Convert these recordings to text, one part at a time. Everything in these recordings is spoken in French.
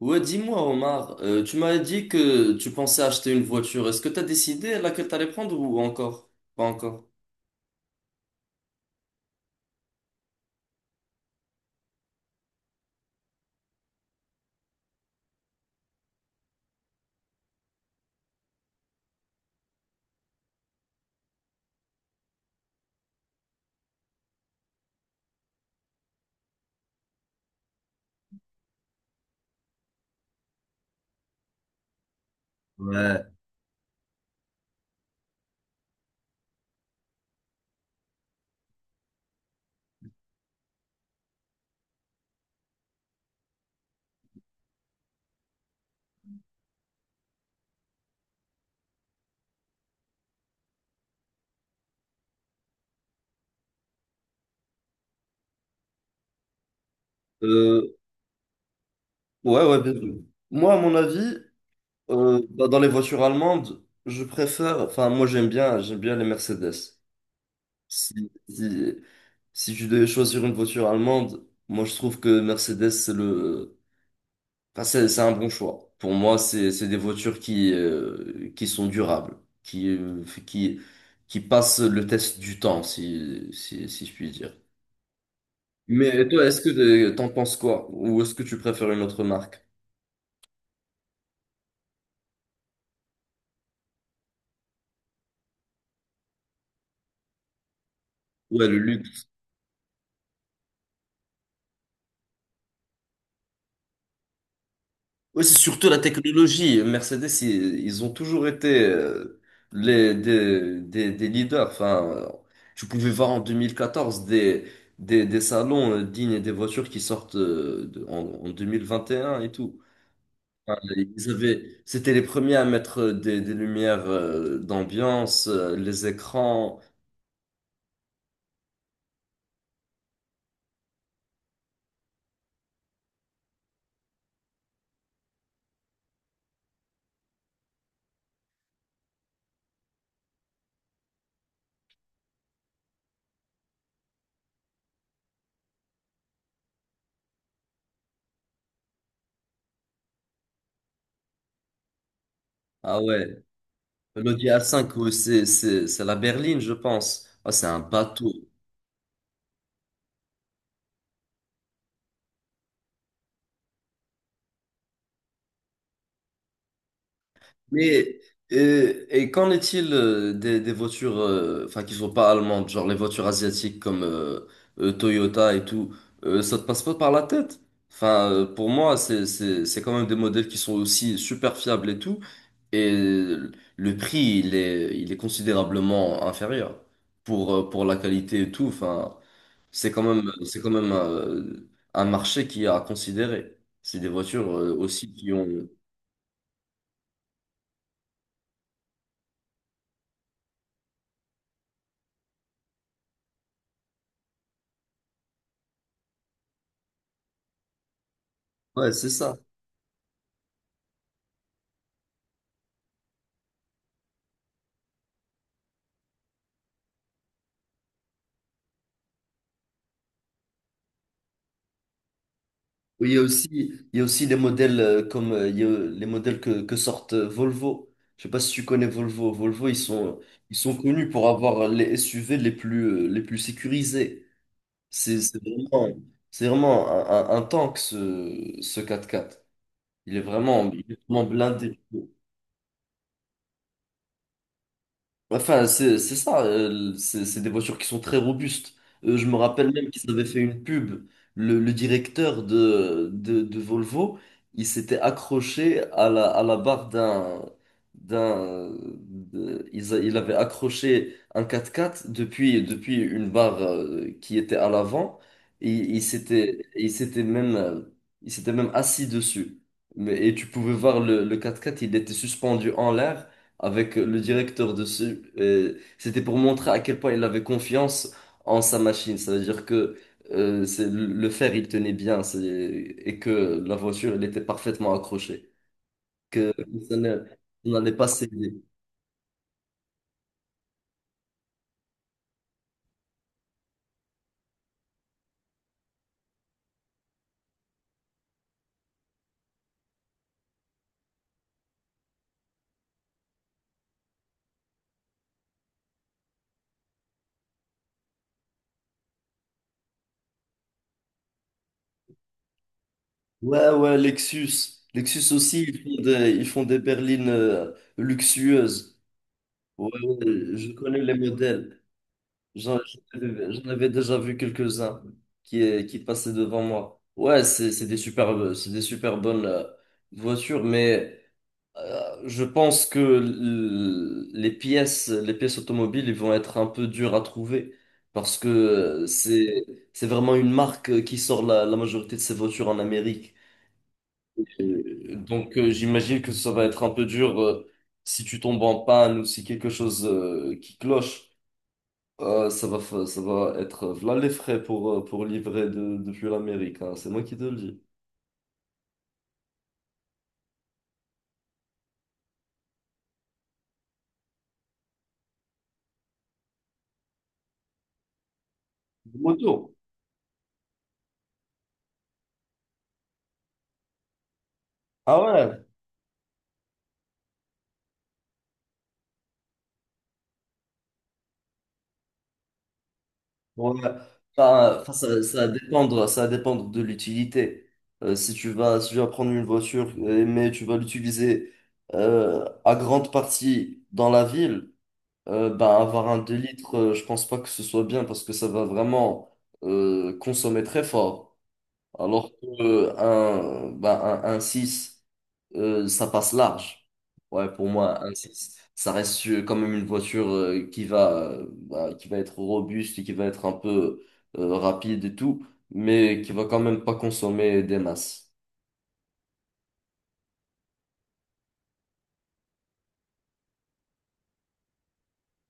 Ouais, dis-moi, Omar, tu m'avais dit que tu pensais acheter une voiture. Est-ce que tu as décidé laquelle t'allais prendre ou encore? Pas encore. Euh, ouais, ouais, bien sûr. Moi, à mon avis, bah, dans les voitures allemandes, je préfère, enfin, moi, j'aime bien les Mercedes. Si, si, si tu devais choisir une voiture allemande, moi, je trouve que Mercedes. Enfin, c'est un bon choix. Pour moi, c'est des voitures qui sont durables, qui euh, qui qui passent le test du temps, si je puis dire. Mais toi, est-ce que t'en penses quoi? Ou est-ce que tu préfères une autre marque? Ouais, le luxe. Ouais, c'est surtout la technologie. Mercedes, ils ont toujours été des leaders. Enfin, tu pouvais voir en 2014 des salons dignes des voitures qui sortent en 2021 et un et tout. Ah, c'était les premiers à mettre des lumières d'ambiance, les écrans. Ah ouais, l'Audi A5, ouais, c'est la berline, je pense. Ah, c'est un bateau. Mais et qu'en est-il des voitures, enfin qui sont pas allemandes, genre les voitures asiatiques comme Toyota et tout, ça te passe pas par la tête? Enfin, pour moi, c'est quand même des modèles qui sont aussi super fiables et tout. Et le prix, il est considérablement inférieur pour la qualité et tout. Enfin, c'est quand même un marché qui a à considérer. C'est des voitures aussi qui ont. Ouais, c'est ça. Oui, il y a aussi des modèles comme il y a les modèles que sortent Volvo. Je sais pas si tu connais Volvo. Volvo, ils sont connus pour avoir les SUV les plus sécurisés. C'est c'est vraiment, c'est vraiment un tank, ce quatre quatre. Il est vraiment blindé. Ouais, enfin, c'est ça, c'est des voitures qui sont très robustes. Je me rappelle même qu'ils avaient fait une pub. Le directeur de Volvo, il s'était accroché à la barre d'un, d'un, de- ils a- il avait accroché un 4x4 depuis une barre qui était à l'avant. Et il s'était même assis dessus. Et tu pouvais voir le 4x4, il était suspendu en l'air avec le directeur dessus. C'était pour montrer à quel point il avait confiance en sa machine. Ça veut dire que c'est le fer, il tenait bien et que la voiture, elle était parfaitement accrochée. Que ça ne- on n'allait pas céder. Ouais, ouais, Lexus. Lexus aussi, ils font des berlines luxueuses. Ouais, ouais, je connais les modèles. J'en j'en avais déjà vu quelques-uns qui passaient devant moi. Ouais, c'est des super bonnes voitures, mais je pense que les pièces, les pièces automobiles, ils vont être un peu dures à trouver parce que c'est vraiment une marque qui sort la majorité de ses voitures en Amérique. Donc j'imagine que ça va être un peu dur si tu tombes en panne ou si quelque chose qui cloche. Ça va être voilà les frais pour livrer depuis l'Amérique, hein. C'est moi qui te le dis. Du moto. Ah ouais, ouais. Enfin, ça va dépendre de l'utilité. Si tu vas prendre une voiture, mais tu vas l'utiliser à grande partie dans la ville, bah, avoir un 2 litres, je pense pas que ce soit bien parce que ça va vraiment consommer très fort. Alors que un, un 6, ça passe large. Ouais, pour moi, un 6 ça reste quand même une voiture bah, qui va être robuste et qui va être un peu rapide et tout, mais qui va quand même pas consommer des masses.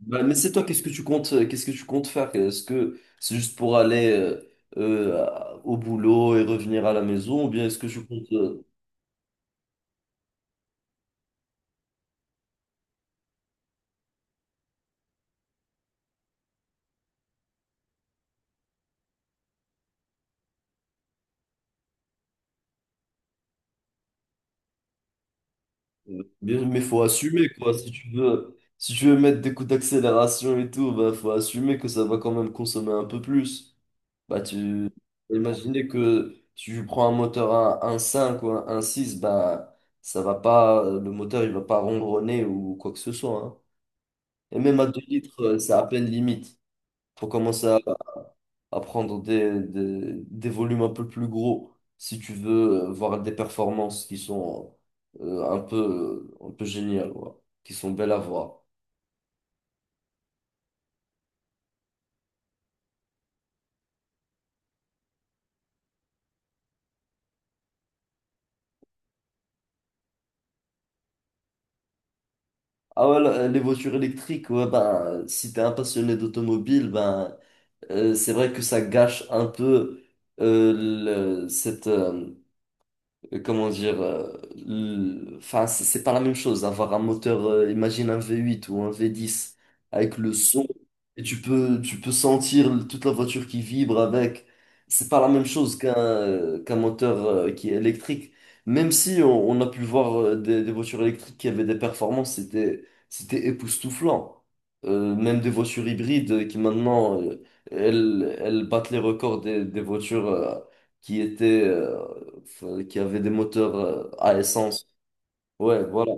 Bah, mais c'est toi, qu'est-ce que tu comptes, qu'est-ce que tu comptes faire? Est-ce que c'est juste pour aller euh, au boulot et revenir à la maison, ou bien est-ce que tu comptes? Bien, mais faut assumer quoi. Si tu veux mettre des coups d'accélération et tout, bah faut assumer que ça va quand même consommer un peu plus. Bah tu imaginer que tu prends un moteur à un cinq ou un six bah ça va pas, le moteur il va pas ronronner ou quoi que ce soit, hein. Et même à 2 litres, c'est à peine limite. Faut commencer à prendre des volumes un peu plus gros si tu veux voir des performances qui sont un peu géniales, ouais, qui sont belles à voir. Ah ouais, les voitures électriques, ouais, ben, si t'es un passionné d'automobile, ben, c'est vrai que ça gâche un peu euh, cette, comment dire, enfin, c'est pas la même chose. Avoir un moteur, imagine un V8 ou un V10 avec le son, et tu peux sentir toute la voiture qui vibre avec. C'est pas la même chose qu'un moteur qui est électrique. Même si on a pu voir des voitures électriques qui avaient des performances, c'était époustouflant. Même des voitures hybrides qui maintenant, elles battent les records des voitures qui étaient euh, qui avait des moteurs à essence. Ouais, voilà.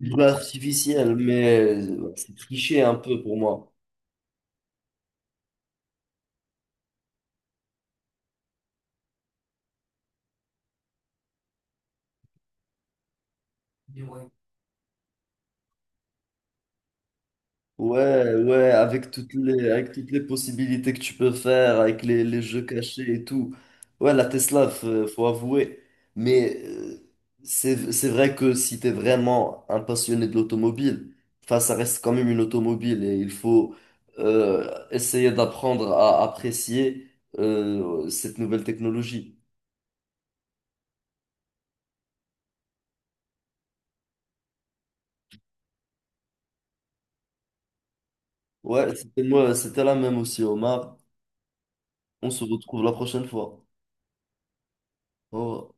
Bleu artificiel, mais c'est triché un peu pour moi. Ouais, ouais, avec toutes les possibilités que tu peux faire, avec les jeux cachés et tout. Ouais, la Tesla, faut avouer. Mais c'est vrai que si t'es vraiment un passionné de l'automobile, enfin, ça reste quand même une automobile et il faut essayer d'apprendre à apprécier cette nouvelle technologie. Ouais, c'était moi, c'était la même aussi, Omar. On se retrouve la prochaine fois. Au revoir.